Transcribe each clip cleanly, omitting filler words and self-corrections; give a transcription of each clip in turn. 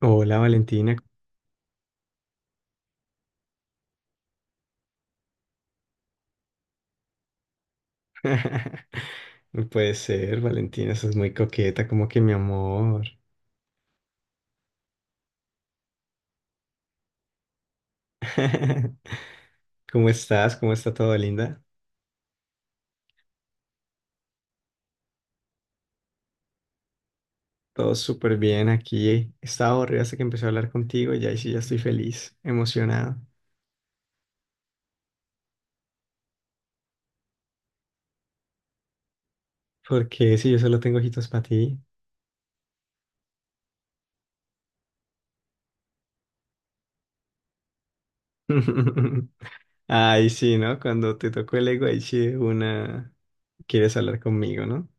Hola, Valentina. No puede ser, Valentina, sos muy coqueta, como que mi amor. ¿Cómo estás? ¿Cómo está todo, linda? Todo súper bien aquí. Estaba aburrido hasta que empecé a hablar contigo y ahí sí ya estoy feliz, emocionado. Porque si yo solo tengo ojitos para ti. Ay, sí, ¿no? Cuando te tocó el ego, ahí sí de una quieres hablar conmigo, ¿no?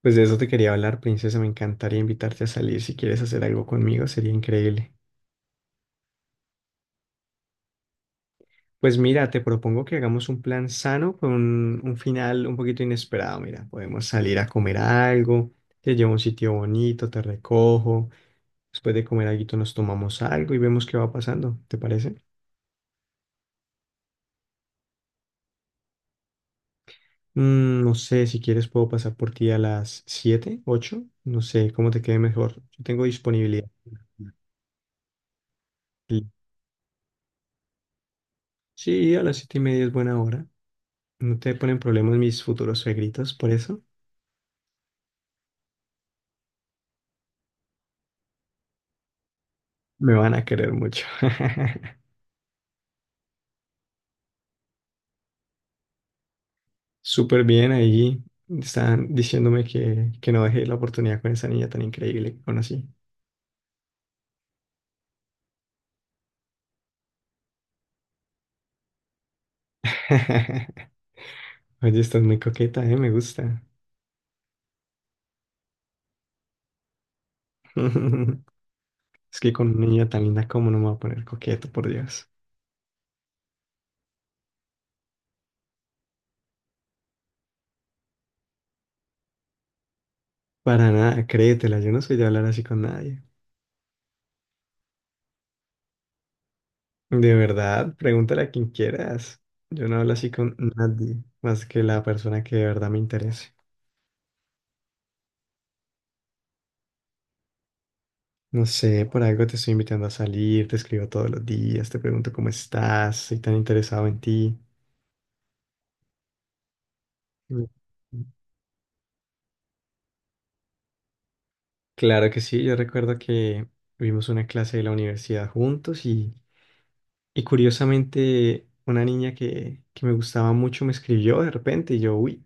Pues de eso te quería hablar, princesa. Me encantaría invitarte a salir. Si quieres hacer algo conmigo, sería increíble. Pues mira, te propongo que hagamos un plan sano con un final un poquito inesperado. Mira, podemos salir a comer algo, te llevo a un sitio bonito, te recojo, después de comer algo nos tomamos algo y vemos qué va pasando, ¿te parece? No sé, si quieres puedo pasar por ti a las 7, 8, no sé, cómo te quede mejor. Yo tengo disponibilidad. Sí, sí, a las 7:30 es buena hora. No te ponen problemas mis futuros suegritos, por eso me van a querer mucho. Súper bien ahí. Están diciéndome que no dejé la oportunidad con esa niña tan increíble que conocí. Oye, estás muy coqueta, ¿eh? Me gusta. Es que con una niña tan linda, ¿cómo no me voy a poner coqueto, por Dios? Para nada, créetela, yo no soy de hablar así con nadie. De verdad, pregúntale a quien quieras. Yo no hablo así con nadie, más que la persona que de verdad me interese. No sé, por algo te estoy invitando a salir, te escribo todos los días, te pregunto cómo estás, soy tan interesado en ti. Mm. Claro que sí, yo recuerdo que vimos una clase de la universidad juntos y curiosamente una niña que me gustaba mucho me escribió de repente y yo, uy,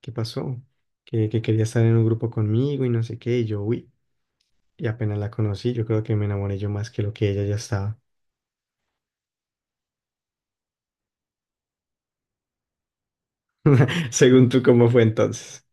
¿qué pasó? Que quería estar en un grupo conmigo y no sé qué, y yo, uy, y apenas la conocí, yo creo que me enamoré yo más que lo que ella ya estaba. Según tú, ¿cómo fue entonces?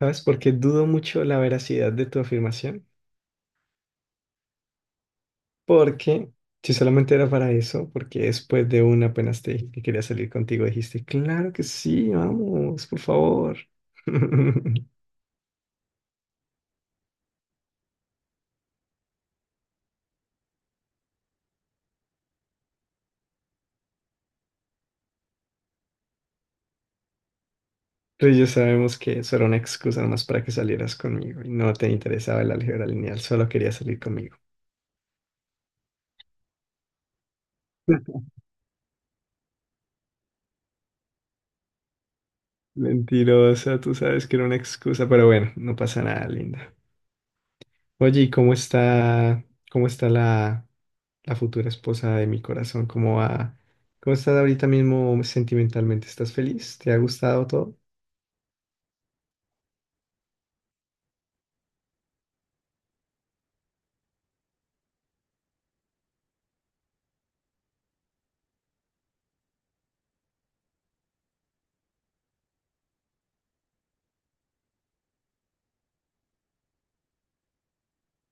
¿Sabes? Porque dudo mucho la veracidad de tu afirmación. Porque si solamente era para eso, porque después de una apenas te dije que quería salir contigo, dijiste, claro que sí, vamos, por favor. Pero ya sabemos que eso era una excusa nomás para que salieras conmigo y no te interesaba el álgebra lineal, solo querías salir conmigo. Mentirosa, tú sabes que era una excusa, pero bueno, no pasa nada, linda. Oye, ¿y cómo está la futura esposa de mi corazón? ¿Cómo va? ¿Cómo estás ahorita mismo sentimentalmente? ¿Estás feliz? ¿Te ha gustado todo?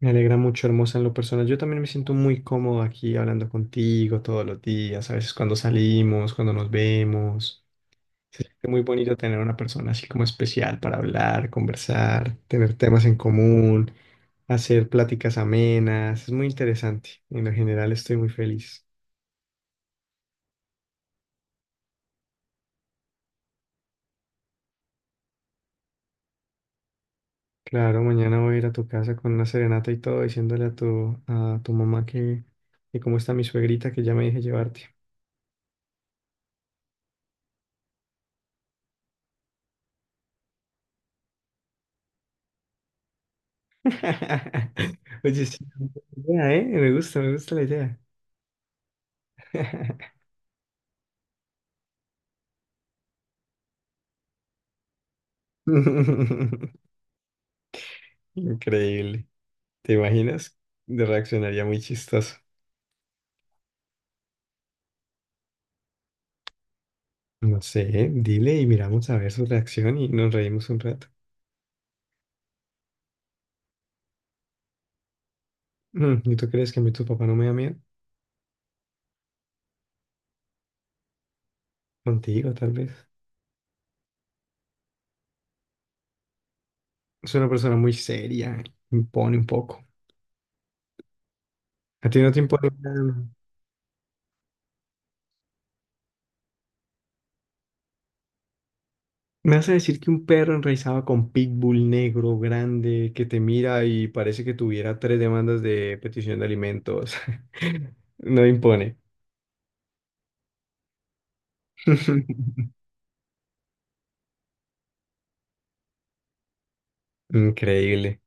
Me alegra mucho, hermosa, en lo personal. Yo también me siento muy cómodo aquí hablando contigo todos los días, a veces cuando salimos, cuando nos vemos. Se siente muy bonito tener una persona así como especial para hablar, conversar, tener temas en común, hacer pláticas amenas. Es muy interesante. En lo general estoy muy feliz. Claro, mañana voy a ir a tu casa con una serenata y todo, diciéndole a tu mamá que cómo está mi suegrita, que ya me dije llevarte. Oye, sí, buena idea, ¿eh? Me gusta la idea. Increíble. ¿Te imaginas? Reaccionaría muy chistoso. No sé, dile y miramos a ver su reacción y nos reímos un rato. Mm, ¿y tú crees que a mí tu papá no me da miedo? Contigo, tal vez. Es una persona muy seria, impone un poco. ¿A ti no te impone nada? Me vas a decir que un perro enraizado con pitbull negro, grande, que te mira y parece que tuviera tres demandas de petición de alimentos. No impone. Increíble.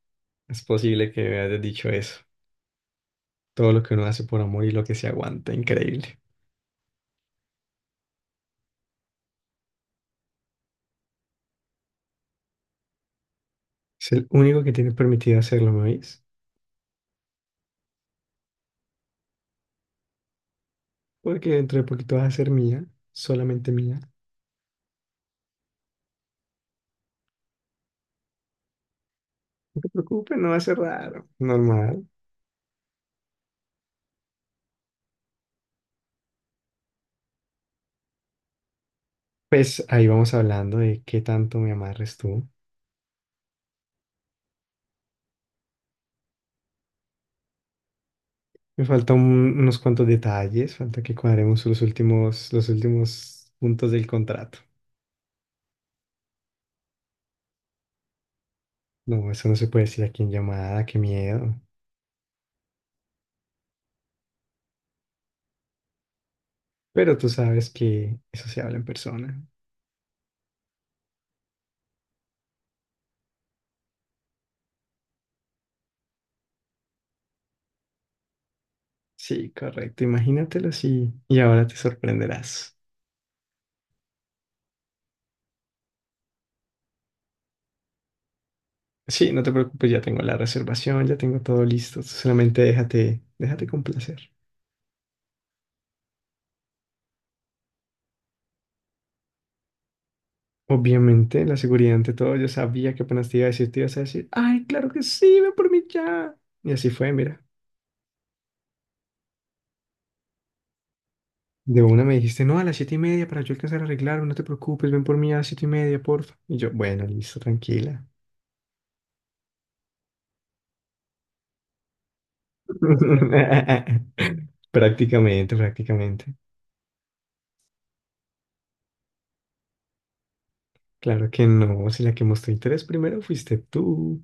Es posible que me hayas dicho eso. Todo lo que uno hace por amor y lo que se aguanta. Increíble. Es el único que tiene permitido hacerlo, ¿me oís? Porque dentro de poquito vas a ser mía, solamente mía. No te preocupes, no va a ser raro. Normal. Pues ahí vamos hablando de qué tanto me amarres tú. Me faltan unos cuantos detalles, falta que cuadremos los últimos puntos del contrato. No, eso no se puede decir aquí en llamada, qué miedo. Pero tú sabes que eso se habla en persona. Sí, correcto, imagínatelo así y ahora te sorprenderás. Sí, no te preocupes, ya tengo la reservación, ya tengo todo listo, solamente déjate, déjate complacer. Obviamente, la seguridad ante todo, yo sabía que apenas te iba a decir, te ibas a decir, ay, claro que sí, ven por mí ya. Y así fue, mira. De una me dijiste, no, a las 7:30 para yo alcanzar a arreglarme, no te preocupes, ven por mí a las 7:30, porfa. Y yo, bueno, listo, tranquila. Prácticamente, prácticamente. Claro que no, si la que mostró interés primero fuiste tú.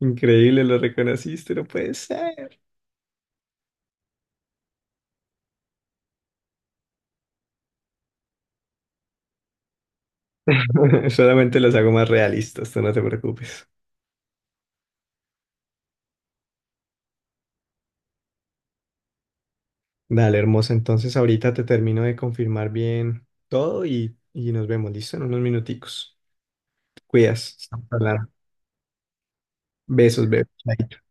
Increíble, lo reconociste, no puede ser. Solamente los hago más realistas, tú no te preocupes. Dale, hermosa, entonces ahorita te termino de confirmar bien todo y nos vemos, listo, en unos minuticos. Te cuidas. Estamos hablando. Besos, bebé. Chaito.